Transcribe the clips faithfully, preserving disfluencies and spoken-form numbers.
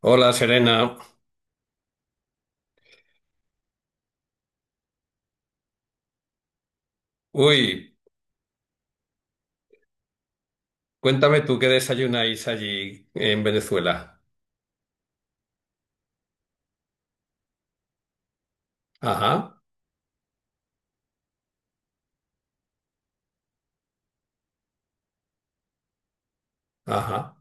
Hola Serena. Uy, cuéntame tú qué desayunáis allí en Venezuela. Ajá, ajá.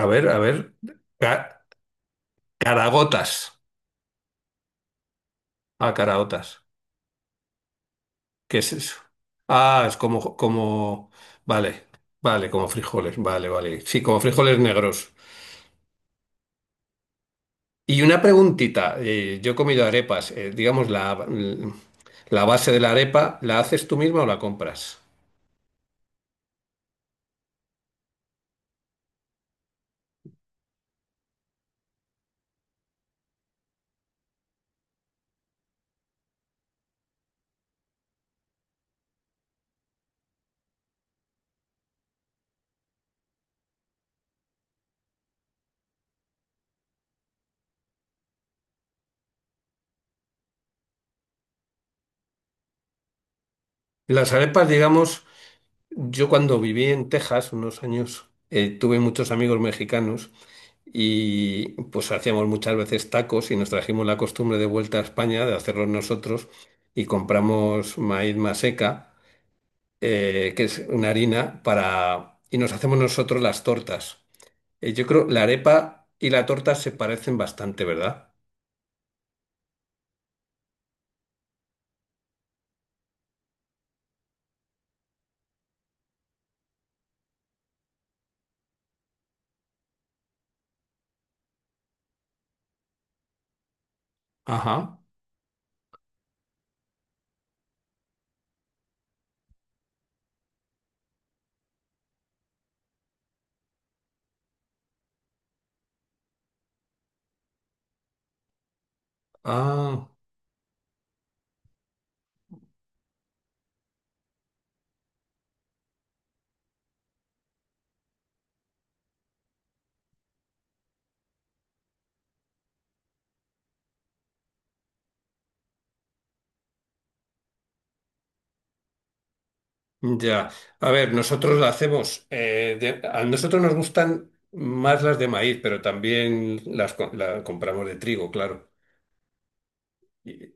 A ver, a ver. Ca- caragotas. Ah, caragotas. ¿Qué es eso? Ah, es como, como. Vale, vale, como frijoles. Vale, vale. Sí, como frijoles negros. Y una preguntita. Eh, yo he comido arepas. Eh, digamos, la, la base de la arepa, ¿la haces tú misma o la compras? Las arepas, digamos. Yo cuando viví en Texas unos años, eh, tuve muchos amigos mexicanos y pues hacíamos muchas veces tacos y nos trajimos la costumbre de vuelta a España de hacerlos nosotros y compramos maíz maseca, eh, que es una harina, para... y nos hacemos nosotros las tortas. Eh, yo creo la arepa y la torta se parecen bastante, ¿verdad? Ajá. Ah. Ya, a ver, nosotros la hacemos, eh, de- a nosotros nos gustan más las de maíz, pero también las co- la compramos de trigo, claro. Y-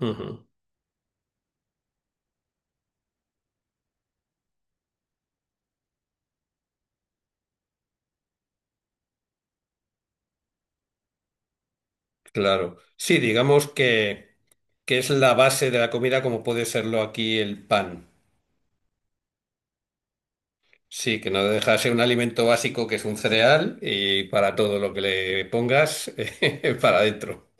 ujú, claro. Sí, digamos que, que es la base de la comida como puede serlo aquí el pan. Sí, que no deja de ser un alimento básico que es un cereal y para todo lo que le pongas, eh, para adentro.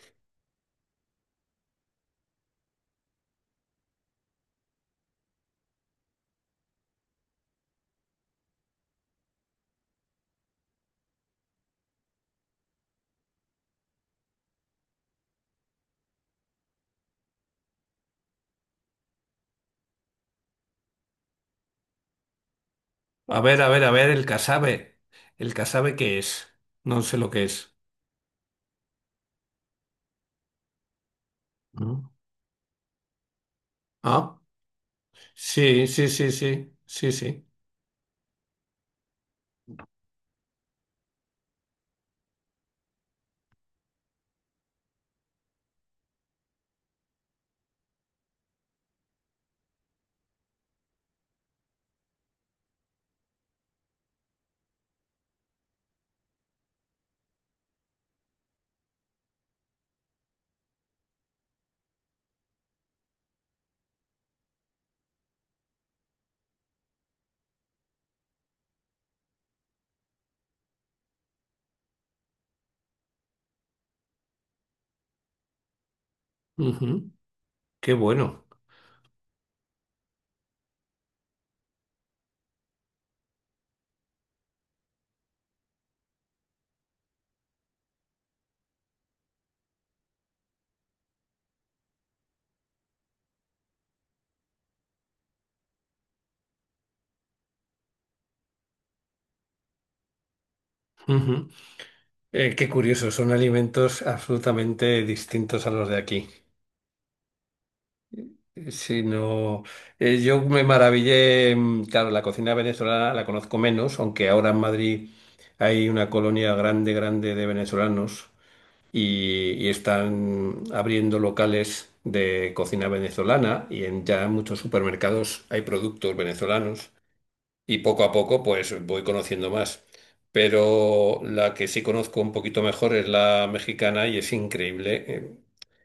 A ver, a ver, a ver, el casabe. ¿El casabe qué es? No sé lo que es. Mm. ¿Ah? Sí, sí, sí, sí, sí, sí. Ujú. Qué bueno. Ujú. Eh, qué curioso, son alimentos absolutamente distintos a los de aquí. Si no, eh, yo me maravillé, mm, claro, la cocina venezolana la conozco menos, aunque ahora en Madrid hay una colonia grande, grande de venezolanos y, y están abriendo locales de cocina venezolana y en ya muchos supermercados hay productos venezolanos. Y poco a poco pues voy conociendo más. Pero la que sí conozco un poquito mejor es la mexicana y es increíble. eh,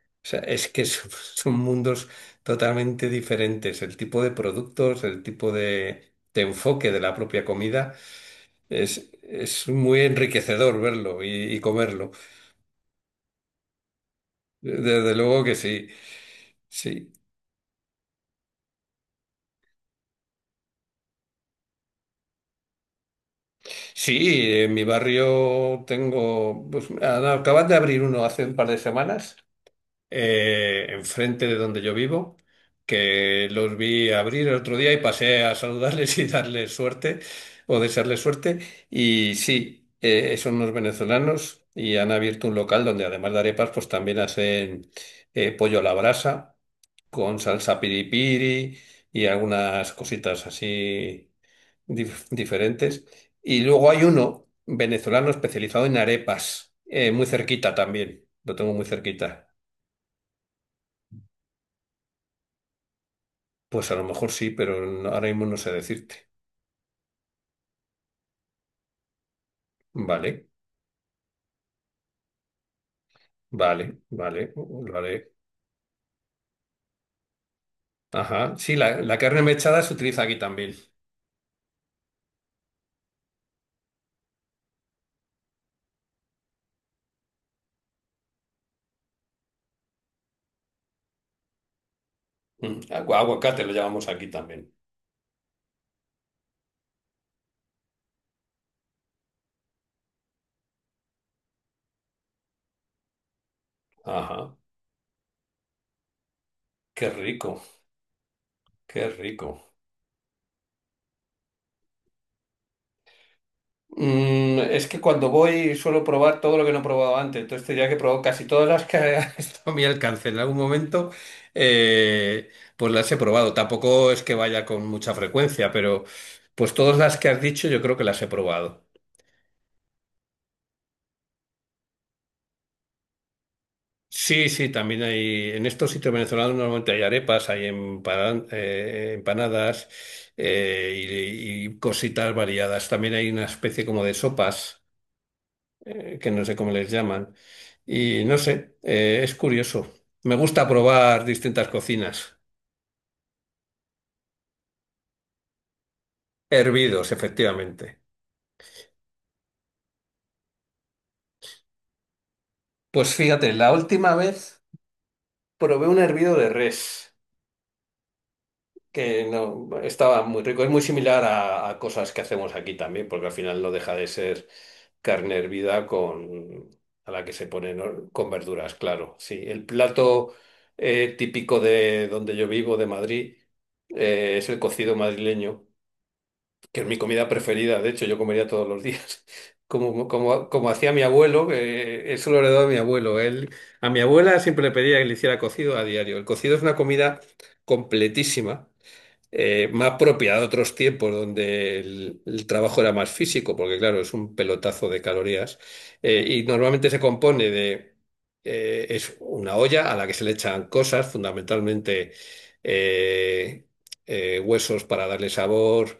O sea, es que son, son mundos totalmente diferentes. El tipo de productos, el tipo de, de enfoque de la propia comida es, es muy enriquecedor verlo y, y comerlo. Desde luego que sí. Sí, sí, en mi barrio tengo, pues, ah, no, acaban de abrir uno hace un par de semanas eh, enfrente de donde yo vivo, que los vi abrir el otro día y pasé a saludarles y darles suerte o desearles suerte. Y sí, eh, son unos venezolanos y han abierto un local donde además de arepas, pues también hacen eh, pollo a la brasa con salsa piripiri y algunas cositas así dif- diferentes. Y luego hay uno venezolano especializado en arepas, eh, muy cerquita también. Lo tengo muy cerquita. Pues a lo mejor sí, pero no- ahora mismo no sé decirte. Vale, vale, vale, lo haré. Ajá. Sí, la, la carne mechada se utiliza aquí también. Mm, agu- aguacate lo llamamos aquí también. Ajá. Qué rico, qué rico. Mm, es que cuando voy suelo probar todo lo que no he probado antes, entonces tendría que probar casi todas las que han estado a mi alcance en algún momento, eh, pues las he probado. Tampoco es que vaya con mucha frecuencia, pero pues todas las que has dicho yo creo que las he probado. Sí, sí, también hay, en estos sitios venezolanos normalmente hay arepas, hay empan- eh, empanadas eh, y, y cositas variadas. También hay una especie como de sopas, eh, que no sé cómo les llaman. Y no sé, eh, es curioso. Me gusta probar distintas cocinas. Hervidos, efectivamente. Pues fíjate, la última vez probé un hervido de res. Que no, estaba muy rico. Es muy similar a, a cosas que hacemos aquí también, porque al final no deja de ser carne hervida con, a la que se pone ¿no? con verduras, claro. Sí, el plato eh, típico de donde yo vivo, de Madrid, eh, es el cocido madrileño, que es mi comida preferida. De hecho, yo comería todos los días. Como, como, como hacía mi abuelo, que eso lo heredó a mi abuelo. Él, a mi abuela siempre le pedía que le hiciera cocido a diario. El cocido es una comida completísima eh, más propia de otros tiempos donde el, el trabajo era más físico, porque claro, es un pelotazo de calorías, eh, y normalmente se compone de, eh, es una olla a la que se le echan cosas, fundamentalmente eh, eh, huesos para darle sabor,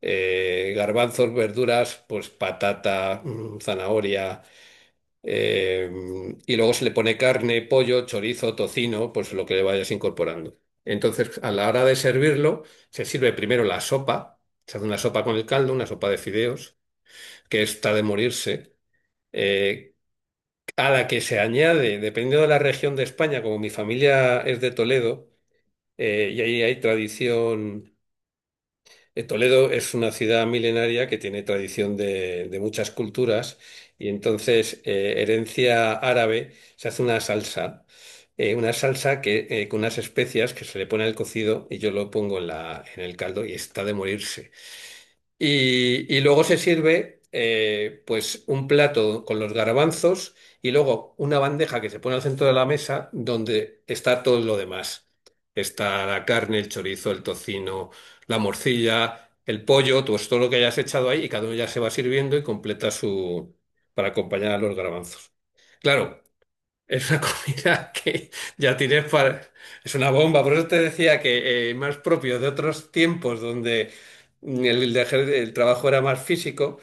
eh, garbanzos, verduras, pues patata, mm, zanahoria. Eh, y luego se le pone carne, pollo, chorizo, tocino, pues lo que le vayas incorporando. Entonces, a la hora de servirlo, se sirve primero la sopa, se hace una sopa con el caldo, una sopa de fideos, que está de morirse, eh, a la que se añade, dependiendo de la región de España, como mi familia es de Toledo, eh, y ahí hay tradición eh, Toledo es una ciudad milenaria que tiene tradición de, de muchas culturas y entonces eh, herencia árabe se hace una salsa, eh, una salsa que eh, con unas especias que se le pone al cocido y yo lo pongo en la, en el caldo y está de morirse. Y, y luego se sirve eh, pues un plato con los garbanzos y luego una bandeja que se pone al centro de la mesa donde está todo lo demás. Está la carne, el chorizo, el tocino, la morcilla, el pollo, pues todo lo que hayas echado ahí y cada uno ya se va sirviendo y completa su... para acompañar a los garbanzos. Claro. Es una comida que ya tienes para... Es una bomba, por eso te decía que eh, más propio de otros tiempos donde el, el ejer- el trabajo era más físico,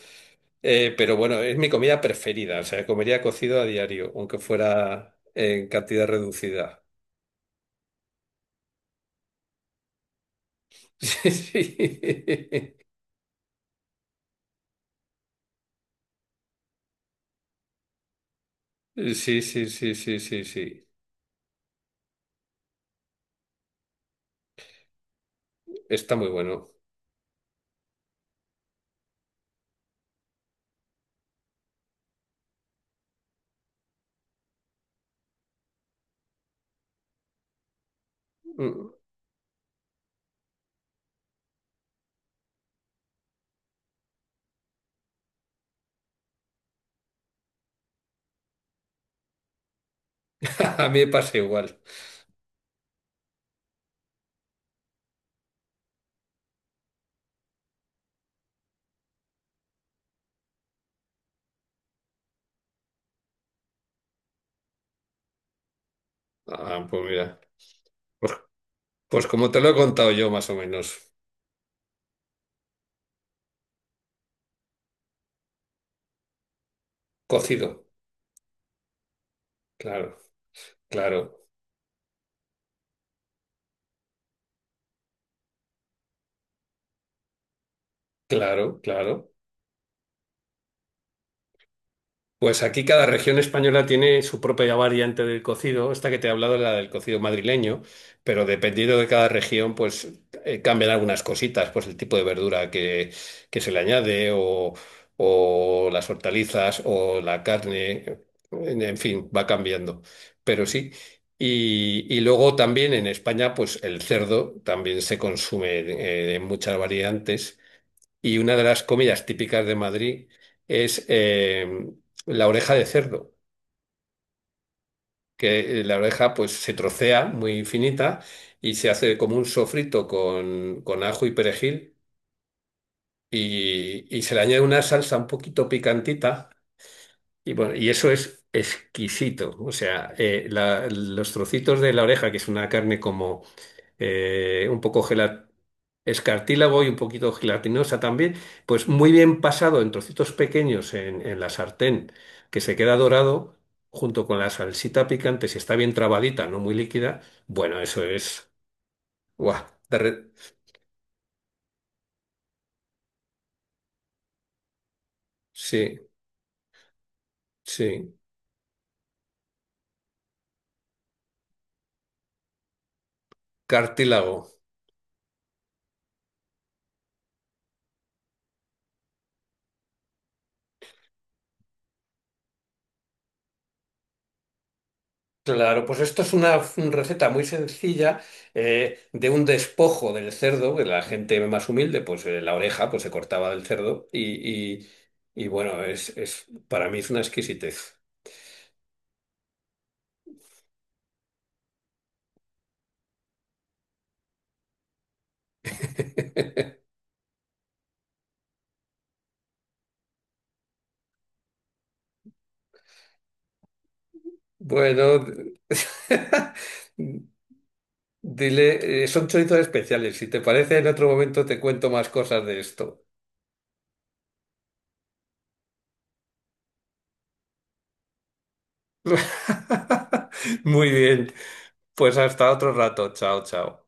eh, pero bueno, es mi comida preferida, o sea, comería cocido a diario, aunque fuera en cantidad reducida. Sí, sí, sí, sí, sí, sí, sí, sí. Está muy bueno. Mm. A mí me pasa igual. Ah, pues mira, pues pues como te lo he contado yo más o menos, cocido, claro. Claro. Claro, claro. Pues aquí cada región española tiene su propia variante del cocido. Esta que te he hablado es la del cocido madrileño, pero dependiendo de cada región, pues eh, cambian algunas cositas, pues el tipo de verdura que, que se le añade o, o las hortalizas o la carne, en, en fin, va cambiando. Pero sí. Y, y luego también en España, pues el cerdo también se consume eh, en muchas variantes. Y una de las comidas típicas de Madrid es eh, la oreja de cerdo, que eh, la oreja pues se trocea muy finita y se hace como un sofrito con, con ajo y perejil y, y se le añade una salsa un poquito picantita y bueno, y eso es exquisito. O sea, eh, la- los trocitos de la oreja, que es una carne como eh, un poco gelat escartílago y un poquito gelatinosa también, pues muy bien pasado en trocitos pequeños en, en la sartén, que se queda dorado junto con la salsita picante, si está bien trabadita, no muy líquida, bueno, eso es, guau, derre- sí, sí, cartílago. Claro, pues esto es una f- receta muy sencilla eh, de un despojo del cerdo, que la gente más humilde, pues eh, la oreja pues se cortaba del cerdo y, y- y, bueno, es, es- para mí es una exquisitez. Bueno, dile, eh, son chorizos especiales, si te parece en otro momento te cuento más cosas de esto. Muy bien, pues hasta otro rato, chao, chao.